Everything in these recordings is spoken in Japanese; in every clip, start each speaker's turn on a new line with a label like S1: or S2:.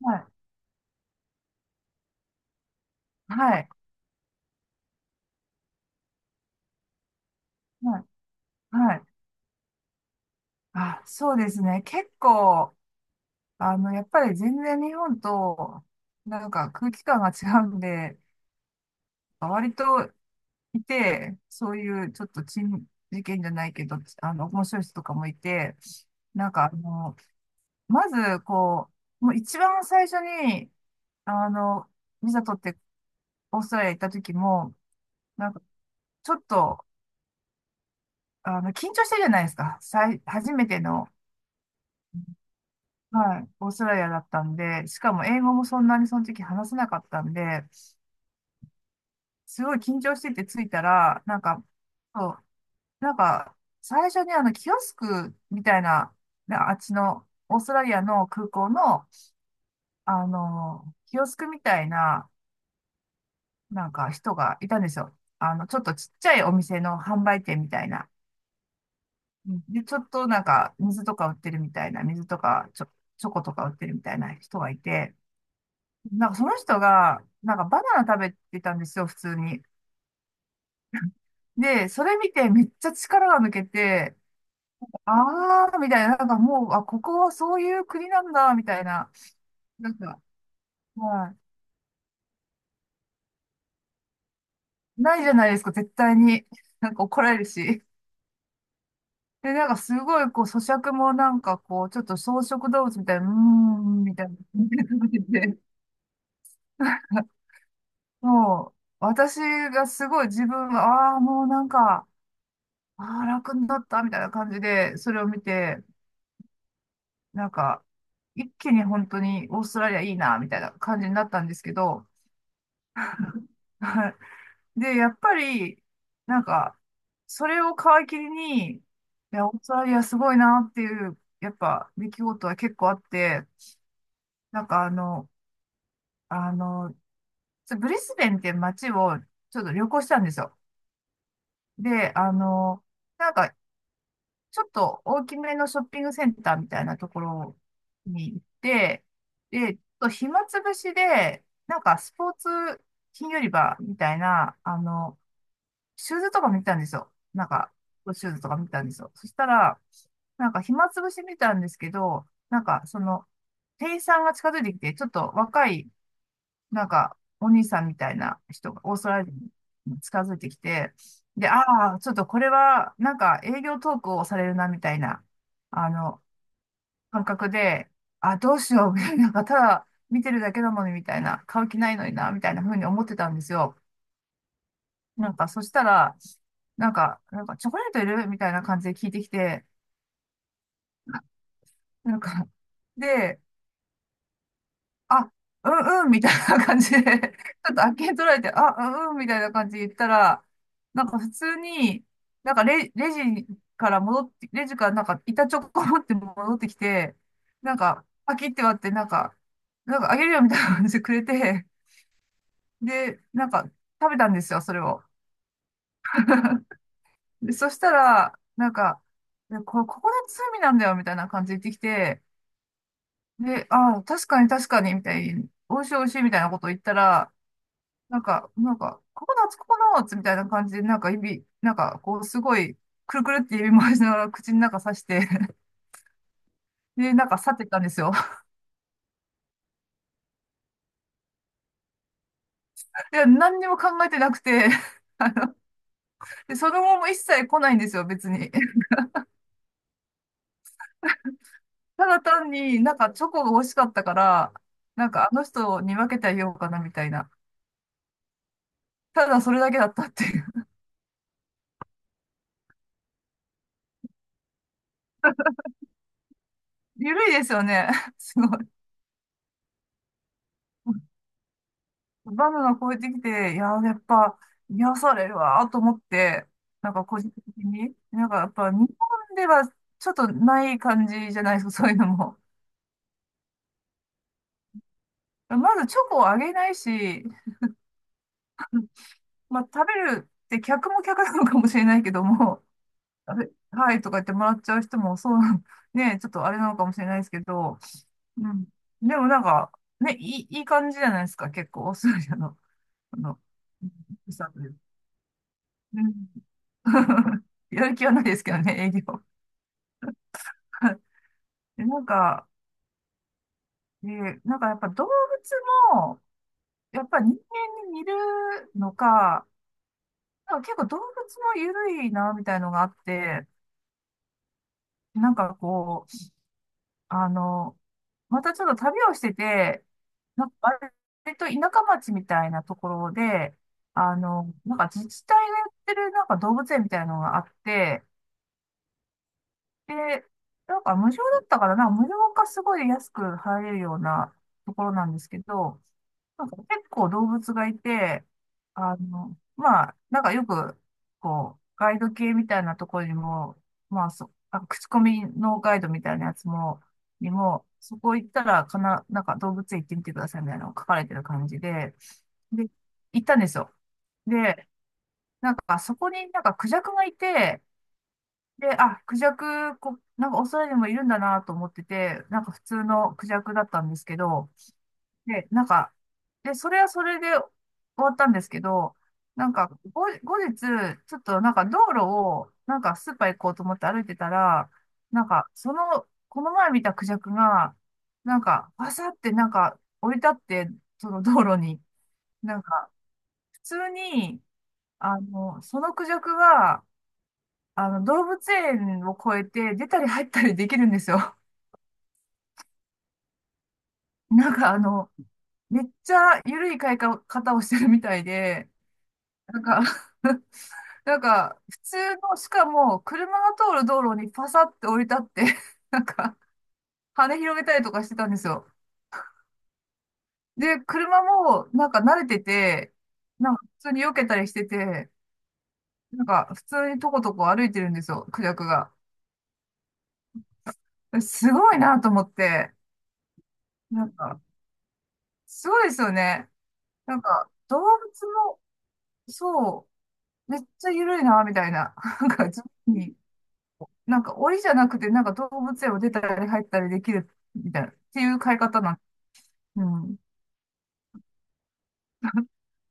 S1: はい、はい、はい、はい。あ、そうですね。結構、やっぱり全然日本と、空気感が違うんで、割といて、そういうちょっと珍事件じゃないけど、面白い人とかもいて、なんかあの、まず、もう一番最初に、あの、ビザ取ってオーストラリア行った時も、なんかちょっと、緊張してるじゃないですか。さい、初めての。はい、オーストラリアだったんで、しかも英語もそんなにその時話せなかったんで、すごい緊張してて着いたら、そう、なんか、最初にキオスクみたいな、なあっちの、オーストラリアの空港の、キオスクみたいな、人がいたんですよ。ちょっとちっちゃいお店の販売店みたいな。うんで、ちょっと水とか売ってるみたいな、水とか、チョコとか売ってるみたいな人がいて、その人が、バナナ食べてたんですよ、普通に。で、それ見てめっちゃ力が抜けて、あー、みたいな、もう、あ、ここはそういう国なんだ、みたいな。なんか、はい。ないじゃないですか、絶対に。怒られるし。で、すごい、咀嚼もちょっと草食動物みたいな、うーん、みたいな。食べててもう、私がすごい自分が、ああ、もうああ、楽になった、みたいな感じで、それを見て、なんか、一気に本当にオーストラリアいいな、みたいな感じになったんですけど、で、やっぱり、なんか、それを皮切りに、いや、オーストラリアすごいなっていう、やっぱ、出来事は結構あって、なんかあの、あの、ちょブリスベンっていう街をちょっと旅行したんですよ。で、なんか、ちょっと大きめのショッピングセンターみたいなところに行って、で、ちょっと暇つぶしで、スポーツ金売り場みたいな、シューズとか見たんですよ。シューズとか見たんですよ。そしたら、暇つぶし見たんですけど、その、店員さんが近づいてきて、ちょっと若いお兄さんみたいな人がオーストラリアに近づいてきて、で、ああ、ちょっとこれは、営業トークをされるな、みたいな、あの、感覚で、あ、どうしよう、みたいな、ただ見てるだけなのに、みたいな、買う気ないのにな、みたいな風に思ってたんですよ。そしたら、チョコレートいるみたいな感じで聞いてきて、なんか、で、あ、うんうんみたいな感じで ちょっとあっけに取られて、あ、うんうんみたいな感じで言ったら、普通に、レジから戻って、レジから板チョコ持って戻ってきて、パキって割って、あげるよみたいな感じでくれて、で、食べたんですよ、それを。で、そしたら、でこれ、ここで罪なんだよみたいな感じで言ってきて、で、ああ、確かに確かにみたいに、美味しい美味しいみたいなことを言ったら、ココナッツ、ココナッツみたいな感じで、指、すごい、くるくるって指回しながら口の中刺して、で、去ってったんですよ。いや、何にも考えてなくて、で、その後も一切来ないんですよ、別に。ただ単にチョコが欲しかったから、あの人に分けてあげようかな、みたいな。ただそれだけだったっていう。緩いですよね。すごい。バナナ超えてきて、いやー、やっぱ、癒されるわーと思って、個人的に、やっぱ日本ではちょっとない感じじゃないですか、そういうのも。まずチョコをあげないし、まあ食べるって客も客なのかもしれないけども、あれはいとか言ってもらっちゃう人もそうなん、ね、ちょっとあれなのかもしれないですけど、うん。でもね、いい、いい感じじゃないですか、結構、オーストラリアの、あの、うん良さというか。うん やる気はないですけどね、営業。で、で、やっぱ動物も、やっぱ人間に似るのか、結構動物も緩いな、みたいのがあって、なんかこう、あの、またちょっと旅をしてて、なんか割と田舎町みたいなところで、自治体がやってる動物園みたいなのがあって、で、無料だったからな、無料かすごい安く入れるようなところなんですけど、結構動物がいて、まあ、よく、ガイド系みたいなところにも、まあ、そ、あ、口コミのガイドみたいなやつも、にも、そこ行ったら、かな、動物園行ってみてくださいみたいなのが書かれてる感じで、で、行ったんですよ。で、そこにクジャクがいて、で、あ、クジャク、こ、オーストラリアにもいるんだなと思ってて、普通のクジャクだったんですけど、で、で、それはそれで終わったんですけど、なんか、後日、ちょっと道路を、スーパー行こうと思って歩いてたら、その、この前見たクジャクが、バサって降り立って、その道路に、なんか、普通に、そのクジャクは、動物園を越えて出たり入ったりできるんですよ。なんかあの、めっちゃ緩い飼い方をしてるみたいで、なんか 普通の、しかも、車が通る道路にパサって降り立って なんか、羽広げたりとかしてたんですよ。で、車も、慣れてて、普通に避けたりしてて、普通にとことこ歩いてるんですよ、クジャクが。すごいなと思って、なんか、すごいですよね。動物もそう、めっちゃ緩いな、みたいな。自分に、檻じゃなくて、動物園を出たり入ったりできる、みたいな、っていう飼い方なん、うん。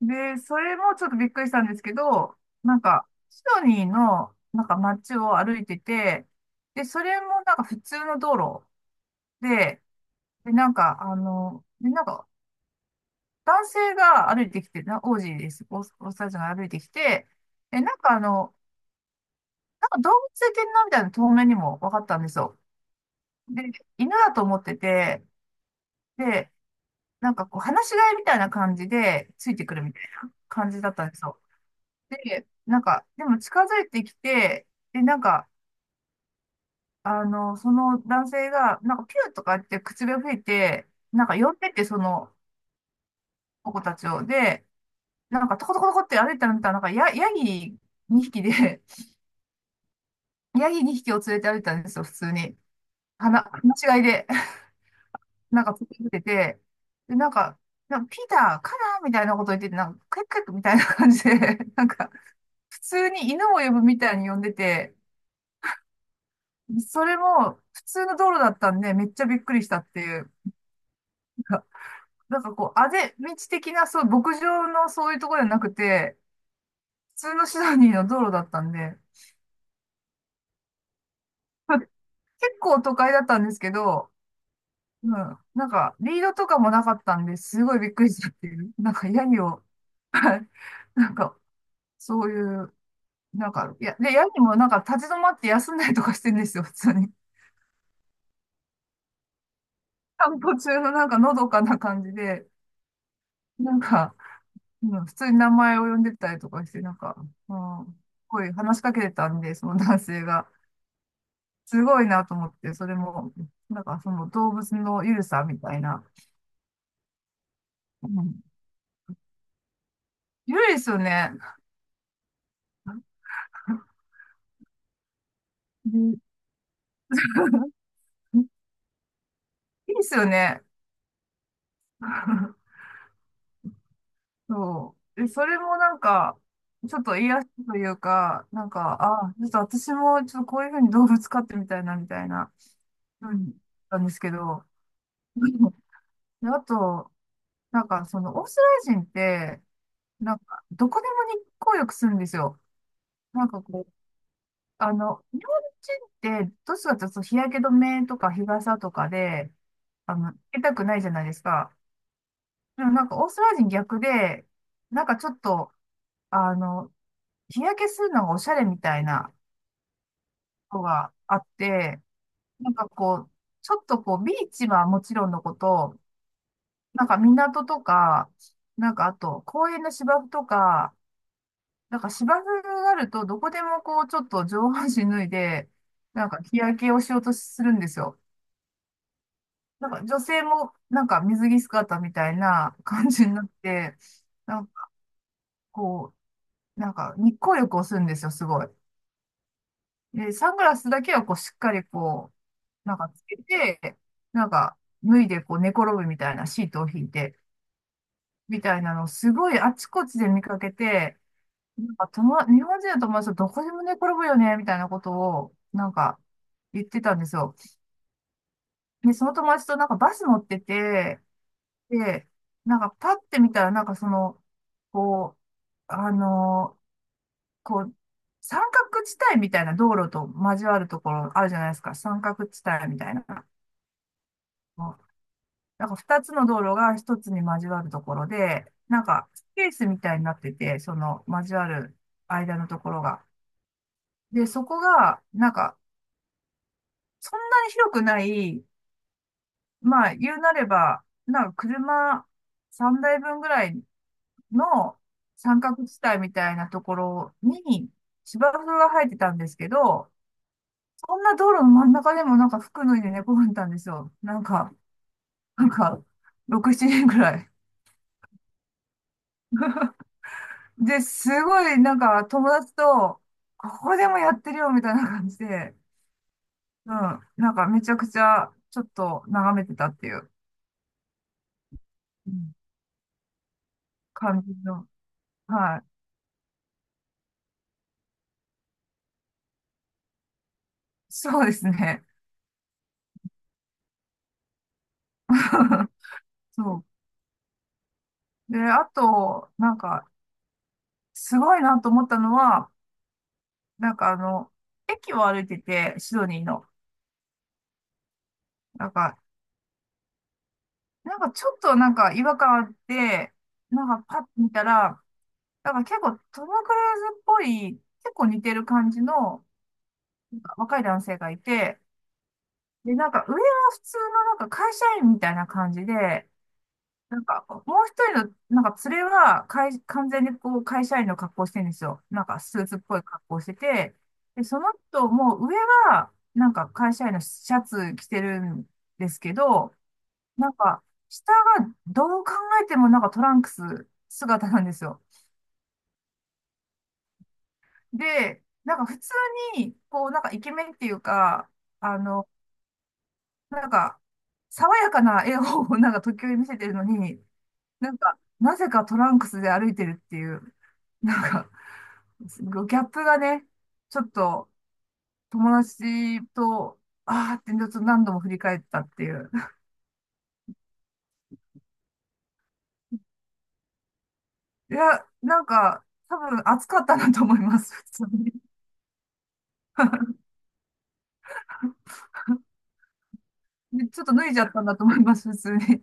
S1: で、それもちょっとびっくりしたんですけど、シドニーの、街を歩いてて、で、それも普通の道路で、で、男性が歩いてきて、な、オージーです。オーストラリアんが歩いてきて、で、動物園なみたいなの透明にも分かったんですよ。で、犬だと思ってて、で、なんかこう、放し飼いみたいな感じで、ついてくるみたいな感じだったんですよ。で、なんか、でも近づいてきて、で、なんか、その男性が、なんかピューとか言って口笛吹いて、なんか呼んでって、その子たちを。で、なんかトコトコトコって歩いてみたらなんかヤギ2匹で、ヤギ2匹を連れて歩いたんですよ、普通に。放し飼いで。なんか作ってて、で、なんか、なんかピーターかなみたいなこと言ってて、なんか、クイックイックみたいな感じで、なんか、普通に犬を呼ぶみたいに呼んでて、それも普通の道路だったんで、めっちゃびっくりしたっていう。なんか、なんかこう、あぜ道的な、そう、牧場のそういうところじゃなくて、普通のシドニーの道路だったんで、まあ結構都会だったんですけど、うん、なんか、リードとかもなかったんで、すごいびっくりしたっていう。なんか、ヤギを、はい、なんか、そういうなんか、いや、で、ヤギもなんか立ち止まって休んだりとかしてんですよ、普通に。散歩中のなんかのどかな感じで、なんか、うん、普通に名前を呼んでたりとかして、なんか、うん、すごい話しかけてたんで、その男性が。すごいなと思って、それも、なんかその動物のゆるさみたいな。うん、ゆるいですよね。でいいですよね。そう。で、それもなんか、ちょっと癒しというか、なんか、ああ、ちょっと私もちょっとこういうふうに動物飼ってみたいな、みたいな、うん、なんですけど。で、あと、なんかその、オーストラリア人って、なんか、どこでも日光浴するんですよ。なんかこう、日本人って、どうしてかというと日焼け止めとか日傘とかで、受けたくないじゃないですか。でもなんか、オーストラリア人逆で、なんかちょっと、あの、日焼けするのがおしゃれみたいなことがあって、なんかこう、ちょっとこう、ビーチはもちろんのこと、なんか港とか、なんかあと公園の芝生とか、なんか芝生があるとどこでもこう、ちょっと上半身脱いで、なんか日焼けをしようとするんですよ。なんか女性もなんか水着姿みたいな感じになって、なんかこう、なんか日光浴をするんですよ、すごい。で、サングラスだけはこう、しっかりこう、なんかつけて、なんか脱いでこう寝転ぶみたいなシートを引いて、みたいなのをすごいあちこちで見かけて、なんか友達、日本人の友達とどこでも寝転ぶよね、みたいなことを、なんか言ってたんですよ。で、その友達となんかバス乗ってて、で、なんかパッて見たら、なんかその、こう、こう、三角地帯みたいな道路と交わるところあるじゃないですか。三角地帯みたいな。なんか二つの道路が一つに交わるところで、なんかスペースみたいになってて、その交わる間のところが。で、そこが、なんか、そんなに広くない、まあ、言うなれば、なんか車3台分ぐらいの三角地帯みたいなところに芝生が生えてたんですけど、そんな道路の真ん中でもなんか服脱いで寝転んでたんですよ。なんか、なんか、6、7年ぐらい。で、すごい、なんか、友達と、ここでもやってるよ、みたいな感じで、うん、なんか、めちゃくちゃ、ちょっと、眺めてたっていう、うん、感じの、はい。そうですね。そう。で、あと、なんか、すごいなと思ったのは、なんかあの、駅を歩いてて、シドニーの。なんか、なんかちょっとなんか違和感あって、なんかパッと見たら、なんか結構トム・クルーズっぽい、結構似てる感じの、なんか若い男性がいて、で、なんか上は普通のなんか会社員みたいな感じで、なんかもう一人のなんか連れは会完全にこう会社員の格好してるんですよ。なんかスーツっぽい格好してて、で、その人も上はなんか会社員のシャツ着てるんですけど、なんか下がどう考えてもなんかトランクス姿なんですよ。で、なんか普通にこうなんかイケメンっていうか、あの、なんか、爽やかな笑顔をなんか時折見せてるのに、なんか、なぜかトランクスで歩いてるっていう、なんか、ギャップがね、ちょっと友達と、あーってちょっと何度も振り返ったっていう。いや、なんか、多分暑かったなと思います、普通に。でちょっと脱いじゃったんだと思います、普通に。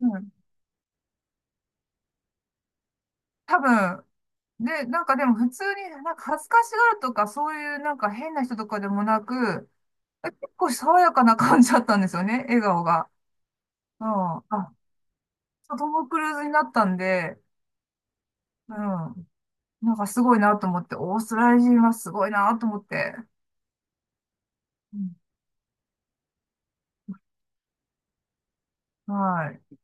S1: うん。多分、で、なんかでも普通になんか恥ずかしがるとか、そういうなんか変な人とかでもなく、結構爽やかな感じだったんですよね、笑顔が。うん。あ、トム・クルーズになったんで、うん。なんかすごいなと思って、オーストラリア人はすごいなと思って。うん、はい。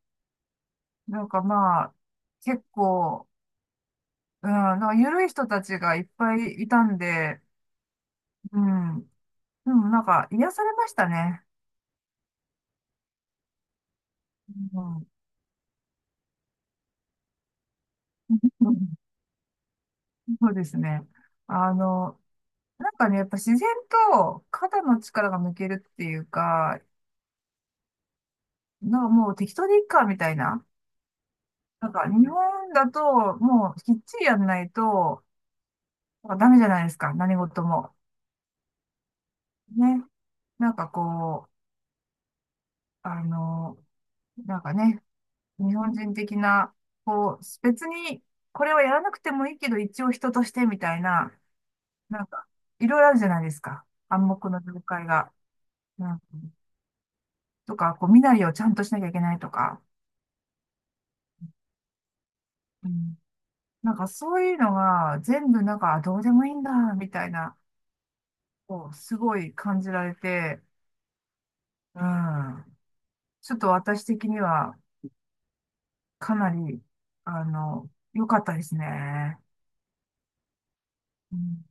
S1: なんかまあ、結構、うん、なんか緩い人たちがいっぱいいたんで、うん。でもなんか癒されましたね。うん。うん、そうですね。あの、なんかね、やっぱ自然と肩の力が抜けるっていうか、なんかもう適当でいいか、みたいな。なんか日本だと、もうきっちりやんないと、なんかダメじゃないですか、何事も。ね。なんかこう、あの、なんかね、日本人的な、こう、別にこれはやらなくてもいいけど、一応人としてみたいな、なんか、いろいろあるじゃないですか。暗黙の了解が。うん、とか、こう、身なりをちゃんとしなきゃいけないとか。うん、なんかそういうのが全部なんか、あ、どうでもいいんだ、みたいな。こう、すごい感じられて、うん。ちょっと私的にはかなり、良かったですね。うん。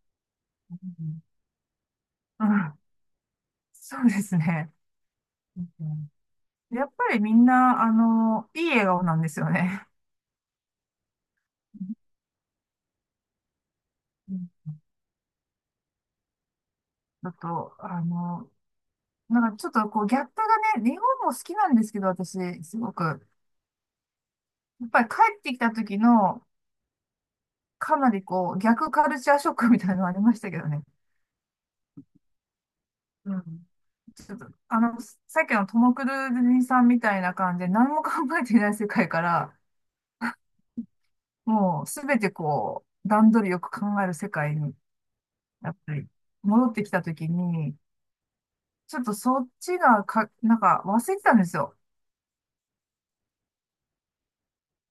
S1: うん。うん、そうですね。うん、やっぱりみんな、いい笑顔なんですよね。うん、だと、なんかちょっとこうギャップがね、日本も好きなんですけど、私、すごく。やっぱり帰ってきた時の、かなりこう、逆カルチャーショックみたいなのありましたけどね。うん。ちょっと、さっきのトム・クルーズさんみたいな感じで何も考えていない世界から、もうすべてこう、段取りよく考える世界に、やっぱり戻ってきたときに、ちょっとそっちがか、なんか忘れてたんですよ。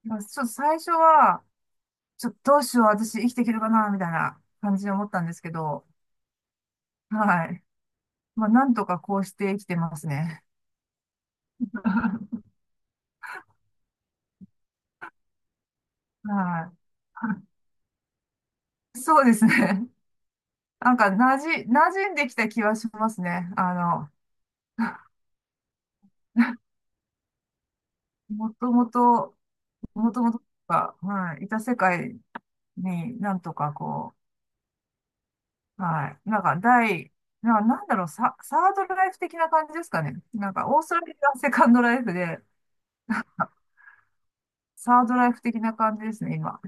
S1: だからちょっと最初は、ちょっとどうしよう、私生きていけるかな、みたいな感じで思ったんですけど、はい。まあ、なんとかこうして生きてますね。はい。そうですね。なんか、馴染んできた気はしますね。もともと、もともとが、はい、いた世界になんとかこう、はい、なんかなんだろう、サードライフ的な感じですかね。なんか、オーストラリアがセカンドライフで、サードライフ的な感じですね、今。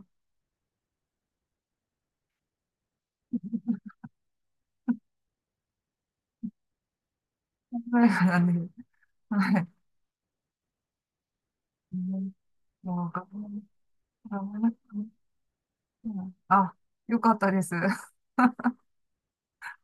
S1: サードライフなんで、はい。うん、もう、がうんあ、よかったです。